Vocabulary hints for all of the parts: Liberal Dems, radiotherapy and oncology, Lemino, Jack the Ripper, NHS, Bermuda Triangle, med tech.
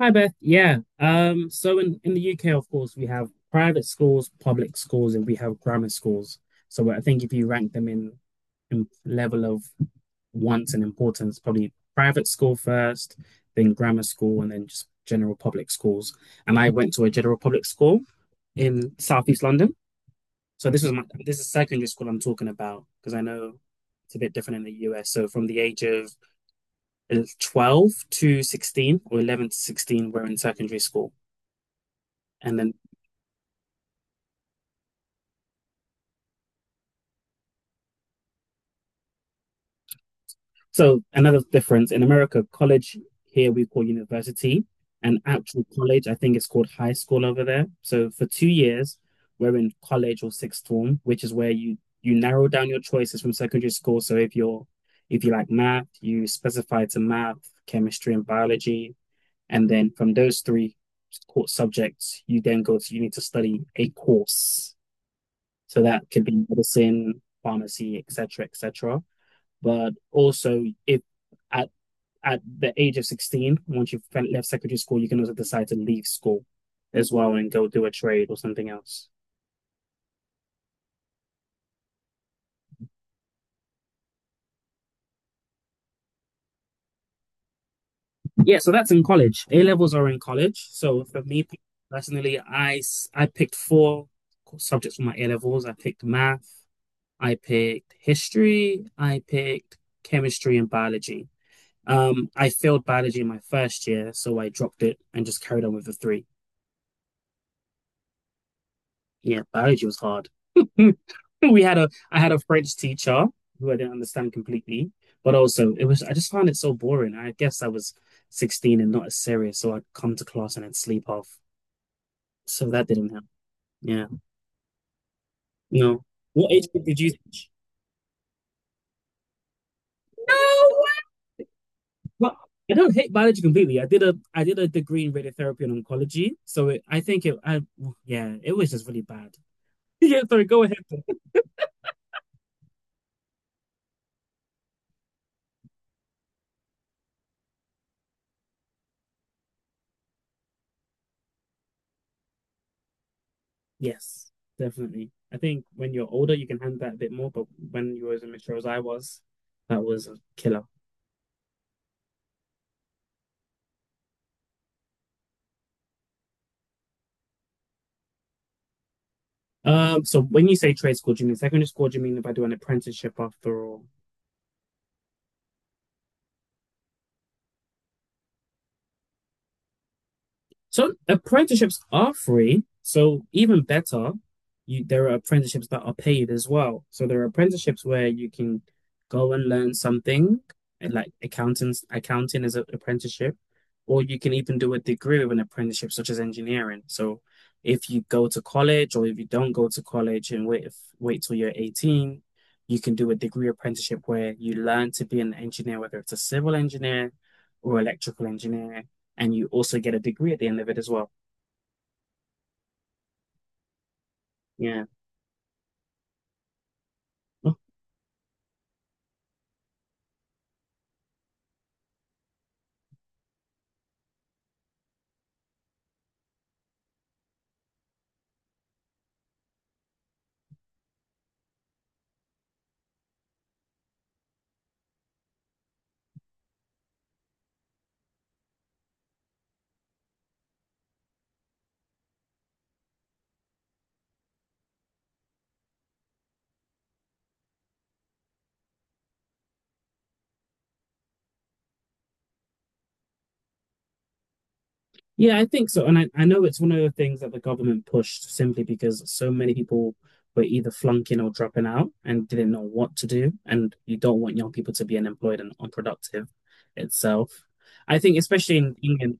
Hi Beth. Yeah. So in the UK, of course, we have private schools, public schools, and we have grammar schools. So I think if you rank them in level of wants and importance, probably private school first, then grammar school, and then just general public schools. And I went to a general public school in Southeast London. So this was my this is secondary school I'm talking about, because I know it's a bit different in the US. So from the age of 12 to 16 or 11 to 16, we're in secondary school. And then, so another difference in America: college, here we call university, and actual college, I think, it's called high school over there. So for 2 years, we're in college or sixth form, which is where you narrow down your choices from secondary school. So if you like math, you specify to math, chemistry, and biology, and then from those three core subjects, you need to study a course. So that could be medicine, pharmacy, etc., etc. But also, if at at the age of 16, once you've left secondary school, you can also decide to leave school as well and go do a trade or something else. Yeah, so that's in college. A levels are in college. So for me personally, I picked four subjects for my A levels. I picked math, I picked history, I picked chemistry and biology. I failed biology in my first year, so I dropped it and just carried on with the three. Yeah, biology was hard. We had a I had a French teacher who I didn't understand completely, but also, it was, I just found it so boring. I guess I was 16 and not as serious, so I'd come to class and I'd sleep off. So that didn't help. Yeah. No. What age group did you teach? No way. Well, I don't hate biology completely. I did a degree in radiotherapy and oncology, so it, I think it I yeah, it was just really bad. Yeah, sorry, go ahead. Yes, definitely. I think when you're older, you can handle that a bit more, but when you were as immature as I was, that was a killer. So when you say trade school, do you mean secondary school? Do you mean if I do an apprenticeship after all? So apprenticeships are free. So even better, you there are apprenticeships that are paid as well. So there are apprenticeships where you can go and learn something, and, like accountants, accounting is an apprenticeship, or you can even do a degree with an apprenticeship, such as engineering. So if you go to college, or if you don't go to college and wait if, wait till you're 18, you can do a degree apprenticeship where you learn to be an engineer, whether it's a civil engineer or electrical engineer, and you also get a degree at the end of it as well. Yeah. Yeah, I think so. And I know it's one of the things that the government pushed, simply because so many people were either flunking or dropping out and didn't know what to do. And you don't want young people to be unemployed and unproductive itself. I think especially in England,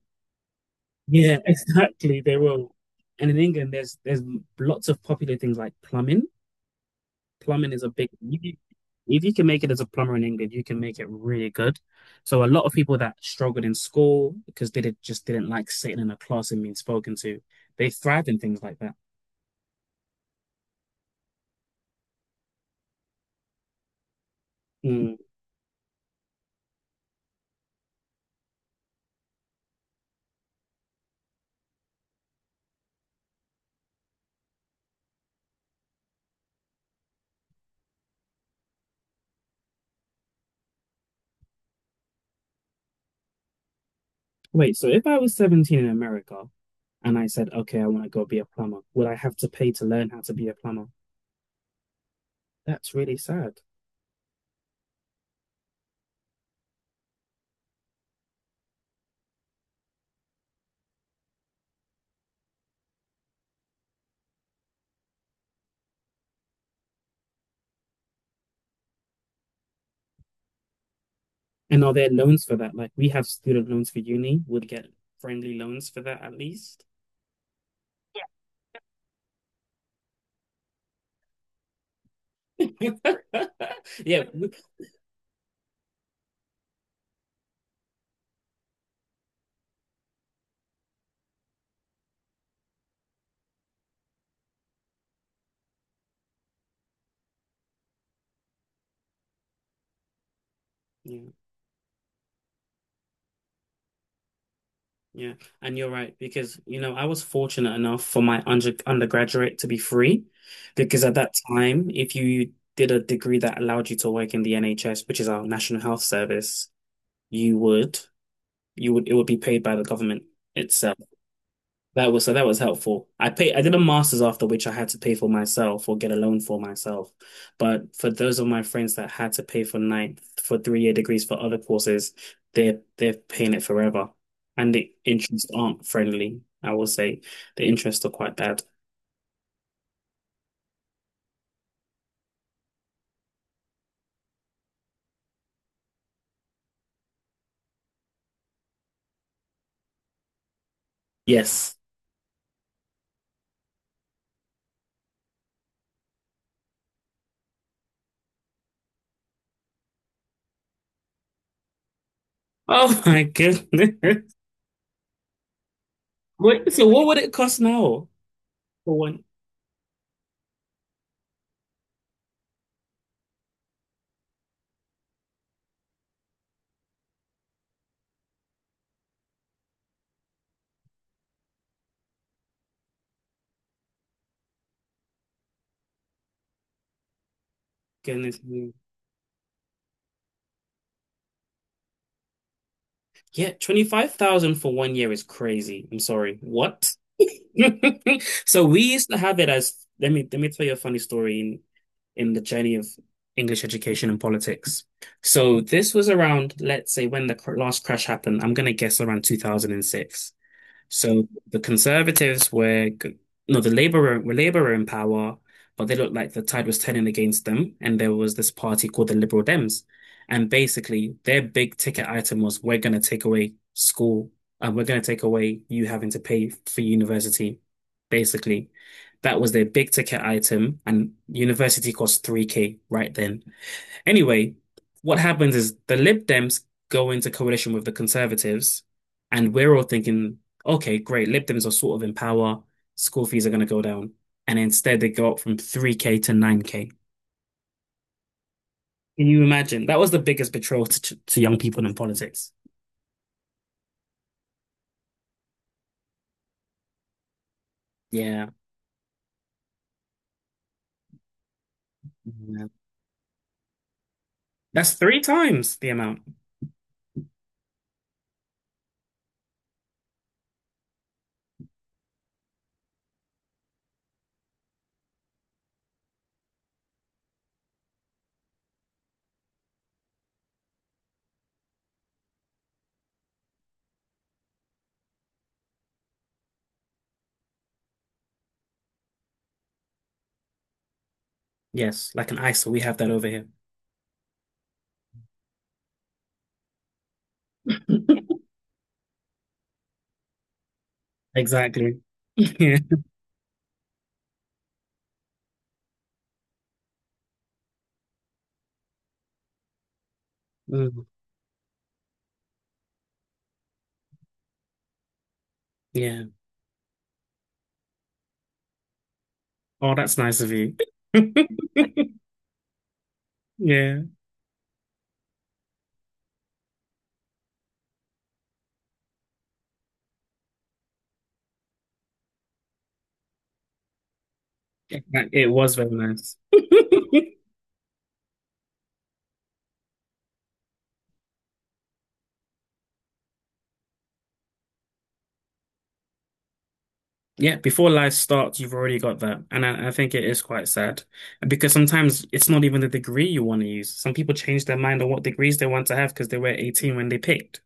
yeah, exactly, they will. And in England, there's lots of popular things like plumbing. Plumbing is a big, if you if you can make it as a plumber in England, you can make it really good. So a lot of people that struggled in school, because just didn't like sitting in a class and being spoken to, they thrived in things like that. Mm. Wait, so if I was 17 in America and I said, okay, I want to go be a plumber, would I have to pay to learn how to be a plumber? That's really sad. And are there loans for that? Like, we have student loans for uni; would get friendly loans for that at least. Yeah. Yeah. Yeah, and you're right, because, you know, I was fortunate enough for my undergraduate to be free, because at that time if you did a degree that allowed you to work in the NHS, which is our National Health Service, you would it would be paid by the government itself. That was, so that was helpful. I did a master's after, which I had to pay for myself or get a loan for myself. But for those of my friends that had to pay for nine for 3 year degrees for other courses, they're paying it forever. And the interests aren't friendly, I will say. The interests are quite bad. Yes. Oh my goodness. What, so what would it cost now for one? Goodness me. Yeah, 25,000 for one year is crazy. I'm sorry. What? So we used to have it as let me tell you a funny story in the journey of English education and politics. So this was around, let's say, when the last crash happened. I'm gonna guess around 2006. So the Conservatives were, g- no, the Labour were Labour were in power, but they looked like the tide was turning against them. And there was this party called the Liberal Dems. And basically, their big ticket item was, we're going to take away school, and we're going to take away you having to pay for university, basically. That was their big ticket item. And university cost 3K right then. Anyway, what happens is the Lib Dems go into coalition with the Conservatives, and we're all thinking, okay, great, Lib Dems are sort of in power, school fees are going to go down. And instead, they go up from 3K to 9K. Can you imagine? That was the biggest betrayal to, young people in politics. Yeah. That's three times the amount. Yes, like an ISO. We have that over here. Exactly. Yeah. Mm, yeah. Oh, that's nice of you. Yeah. It, it was very nice. Yeah, before life starts, you've already got that. And I think it is quite sad, because sometimes it's not even the degree you want to use. Some people change their mind on what degrees they want to have because they were 18 when they picked.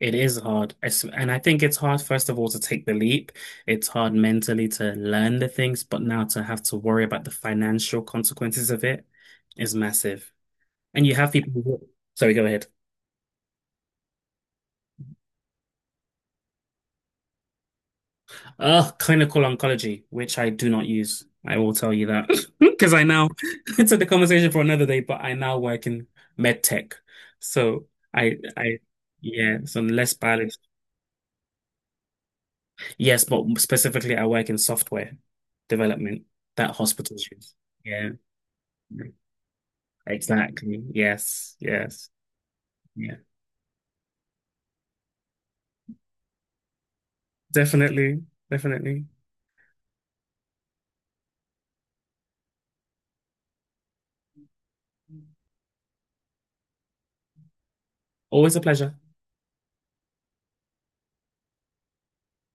It is hard. And I think it's hard, first of all, to take the leap. It's hard mentally to learn the things, but now to have to worry about the financial consequences of it is massive. And you have people who, sorry, go ahead. Clinical oncology, which I do not use. I will tell you that. Because I now it's a conversation for another day, but I now work in med tech. So I, I, yeah, so I'm less biology. Yes, but specifically, I work in software development that hospitals use. Yeah, exactly. Yes, yes, yeah, definitely, definitely. Always a pleasure.